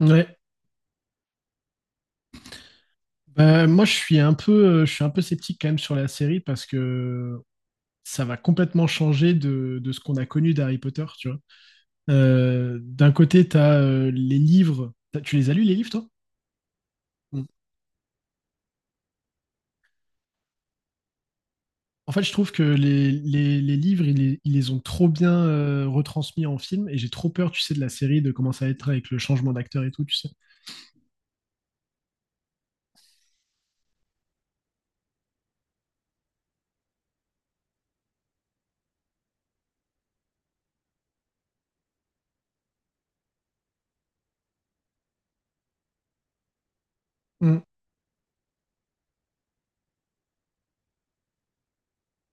Ouais. Bah, moi, je suis un peu sceptique quand même sur la série parce que ça va complètement changer de ce qu'on a connu d'Harry Potter, tu vois. D'un côté, tu as les livres. Tu les as lus, les livres, toi? Mm. En fait, je trouve que les livres, ils les ont trop bien retransmis en film et j'ai trop peur, tu sais, de la série, de comment ça va être avec le changement d'acteur et tout, tu sais. Mm.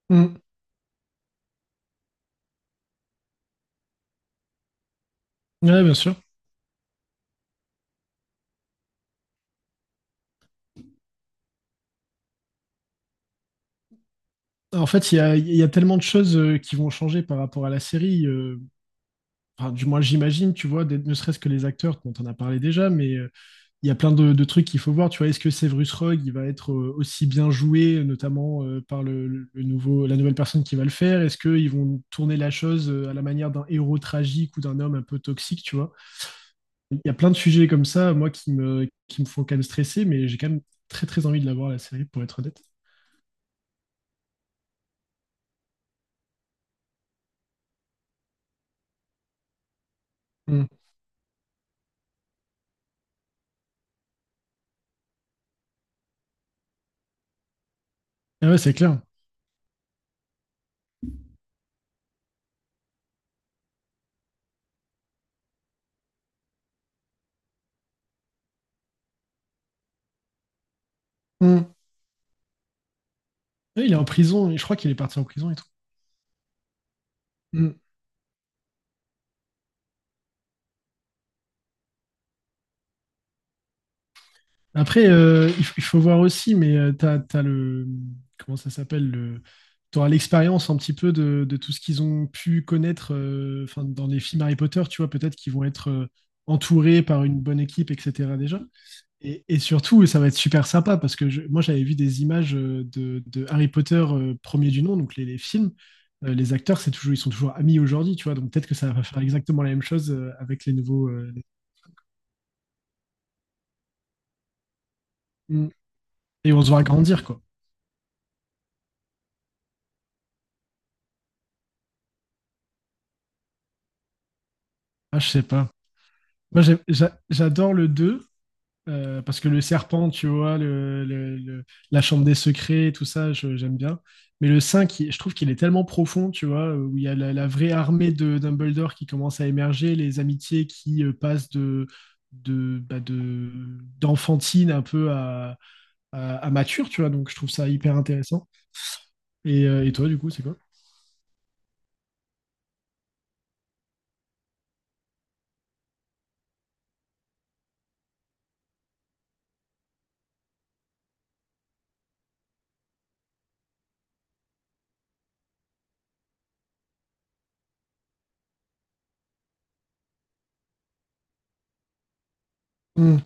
Mm. Ouais, bien sûr. En fait, il y a tellement de choses qui vont changer par rapport à la série. Enfin, du moins, j'imagine, tu vois, ne serait-ce que les acteurs, dont on a parlé déjà, mais il y a plein de trucs qu'il faut voir. Tu vois, est-ce que Severus Rogue, il va être aussi bien joué, notamment par le nouveau, la nouvelle personne qui va le faire? Est-ce qu'ils vont tourner la chose à la manière d'un héros tragique ou d'un homme un peu toxique, tu vois? Il y a plein de sujets comme ça, moi, qui me font quand même stresser, mais j'ai quand même très, très envie de la voir, la série, pour être honnête. Mm. Ah ouais, c'est clair. Mm. Ouais, il est en prison, et je crois qu'il est parti en prison et tout. Mm. Après, il faut voir aussi, mais t'as as, le. Comment ça s'appelle le? Tu l'expérience un petit peu de tout ce qu'ils ont pu connaître enfin, dans les films Harry Potter, tu vois, peut-être qu'ils vont être entourés par une bonne équipe, etc. déjà. Et surtout, ça va être super sympa parce que moi, j'avais vu des images de Harry Potter premier du nom, donc les films. Les acteurs, ils sont toujours amis aujourd'hui, tu vois, donc peut-être que ça va faire exactement la même chose avec les nouveaux. Mm. Et on se voit grandir, quoi. Ah, je sais pas. Moi, j'adore le 2 parce que le serpent, tu vois, la chambre des secrets, tout ça, j'aime bien. Mais le 5 je trouve qu'il est tellement profond, tu vois, où il y a la vraie armée de Dumbledore qui commence à émerger, les amitiés qui passent de, de, bah, de- d'enfantine un peu à, à mature, tu vois. Donc, je trouve ça hyper intéressant. Et toi, du coup, c'est quoi? Mm.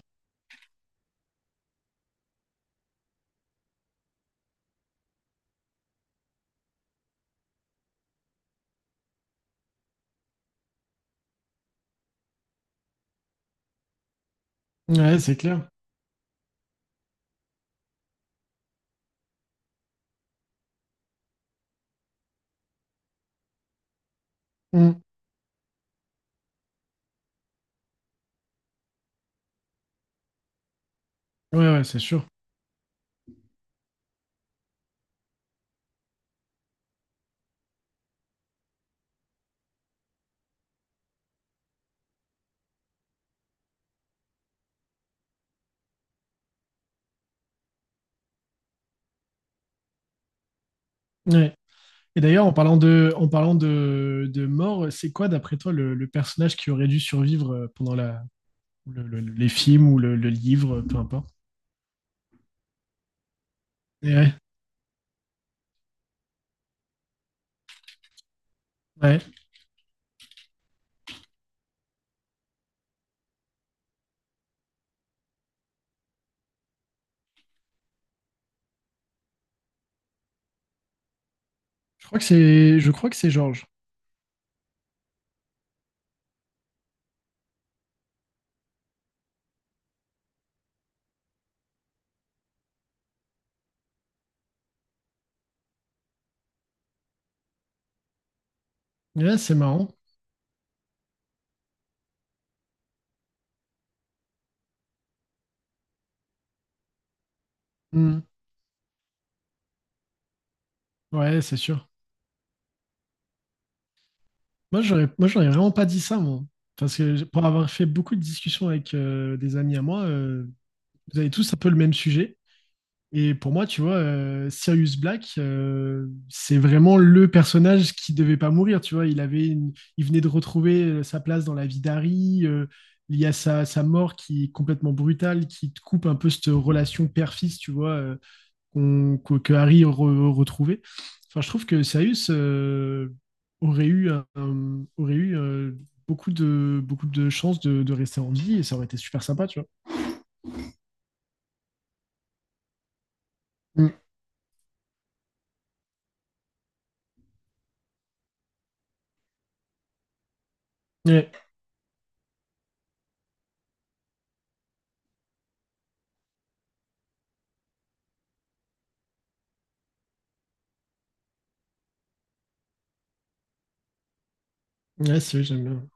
Ouais, c'est clair. Mm. Ouais, ouais, c'est sûr. Ouais. Et d'ailleurs, en parlant de mort, c'est quoi, d'après toi, le personnage qui aurait dû survivre pendant les films ou le livre, peu importe? Et ouais, ouais. Je crois que c'est Georges. Ouais, c'est marrant. Hmm. Ouais, c'est sûr. Moi, j'aurais vraiment pas dit ça, moi. Parce que pour avoir fait beaucoup de discussions avec des amis à moi, vous avez tous un peu le même sujet. Et pour moi, tu vois, Sirius Black, c'est vraiment le personnage qui devait pas mourir. Tu vois, il avait il venait de retrouver sa place dans la vie d'Harry. Il y a sa mort qui est complètement brutale, qui te coupe un peu cette relation père-fils, tu vois, que Harry retrouvait. Enfin, je trouve que Sirius aurait eu beaucoup de chances de rester en vie et ça aurait été super sympa, tu vois. Mm. Ouais, ouais, c'est vrai, j'aime bien.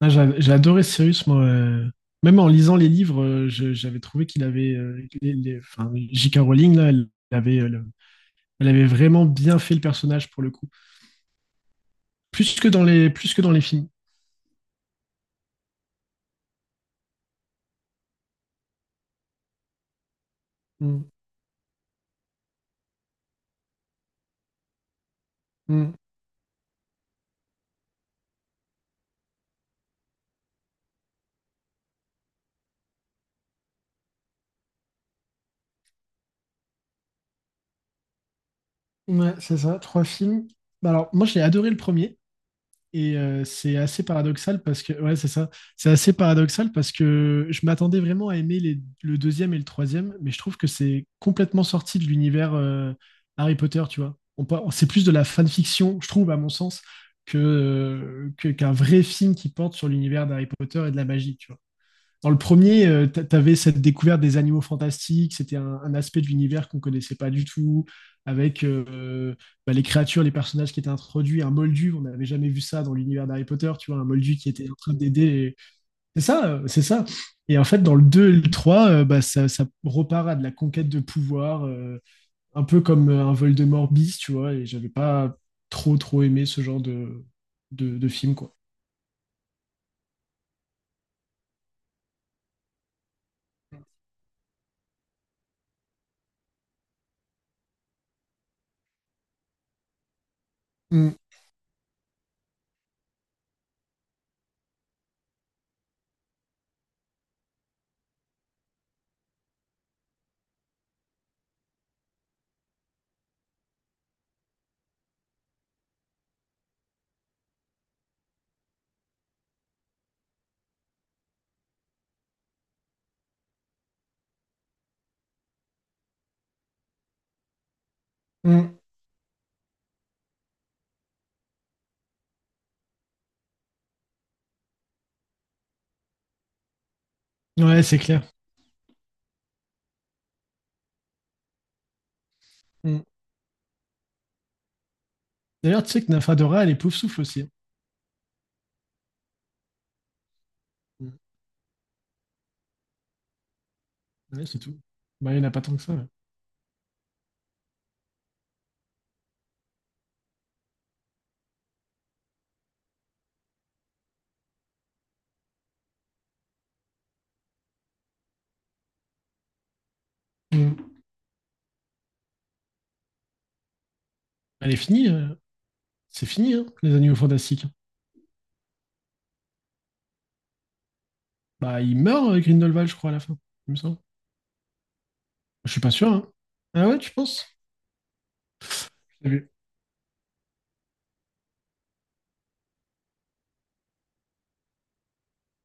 Ah, j'ai adoré Cyrus, moi. Même en lisant les livres, j'avais trouvé qu'il avait. Enfin, J.K. Rowling, là, elle avait vraiment bien fait le personnage pour le coup. Plus que dans les films. Mm. Mm. Ouais, c'est ça, trois films. Bah alors, moi, j'ai adoré le premier. Et c'est assez paradoxal parce que, ouais, c'est ça. C'est assez paradoxal parce que je m'attendais vraiment à aimer le deuxième et le troisième, mais je trouve que c'est complètement sorti de l'univers Harry Potter, tu vois. C'est plus de la fanfiction, je trouve, à mon sens, qu'un vrai film qui porte sur l'univers d'Harry Potter et de la magie, tu vois. Dans le premier, t'avais cette découverte des animaux fantastiques, c'était un aspect de l'univers qu'on ne connaissait pas du tout, avec bah, les créatures, les personnages qui étaient introduits, un Moldu, on n'avait jamais vu ça dans l'univers d'Harry Potter, tu vois, un Moldu qui était en train d'aider. C'est ça, c'est ça. Et en fait, dans le 2, et le 3, bah, ça repart à de la conquête de pouvoir, un peu comme un Voldemort bis, tu vois, et j'avais pas trop, trop aimé ce genre de film, quoi. Mm, mm. Ouais, c'est clair. Mm. D'ailleurs, tu sais que Nafadora, elle est pouf souffle aussi, hein. Ouais, c'est tout. Bah, il n'y en a pas tant que ça. Ouais. Mm. Elle est finie. C'est fini, hein, les animaux fantastiques. Bah, il meurt, Grindelwald, je crois, à la fin. Il me semble. Je suis pas sûr, hein. Ah ouais, tu penses? Je l'ai vu.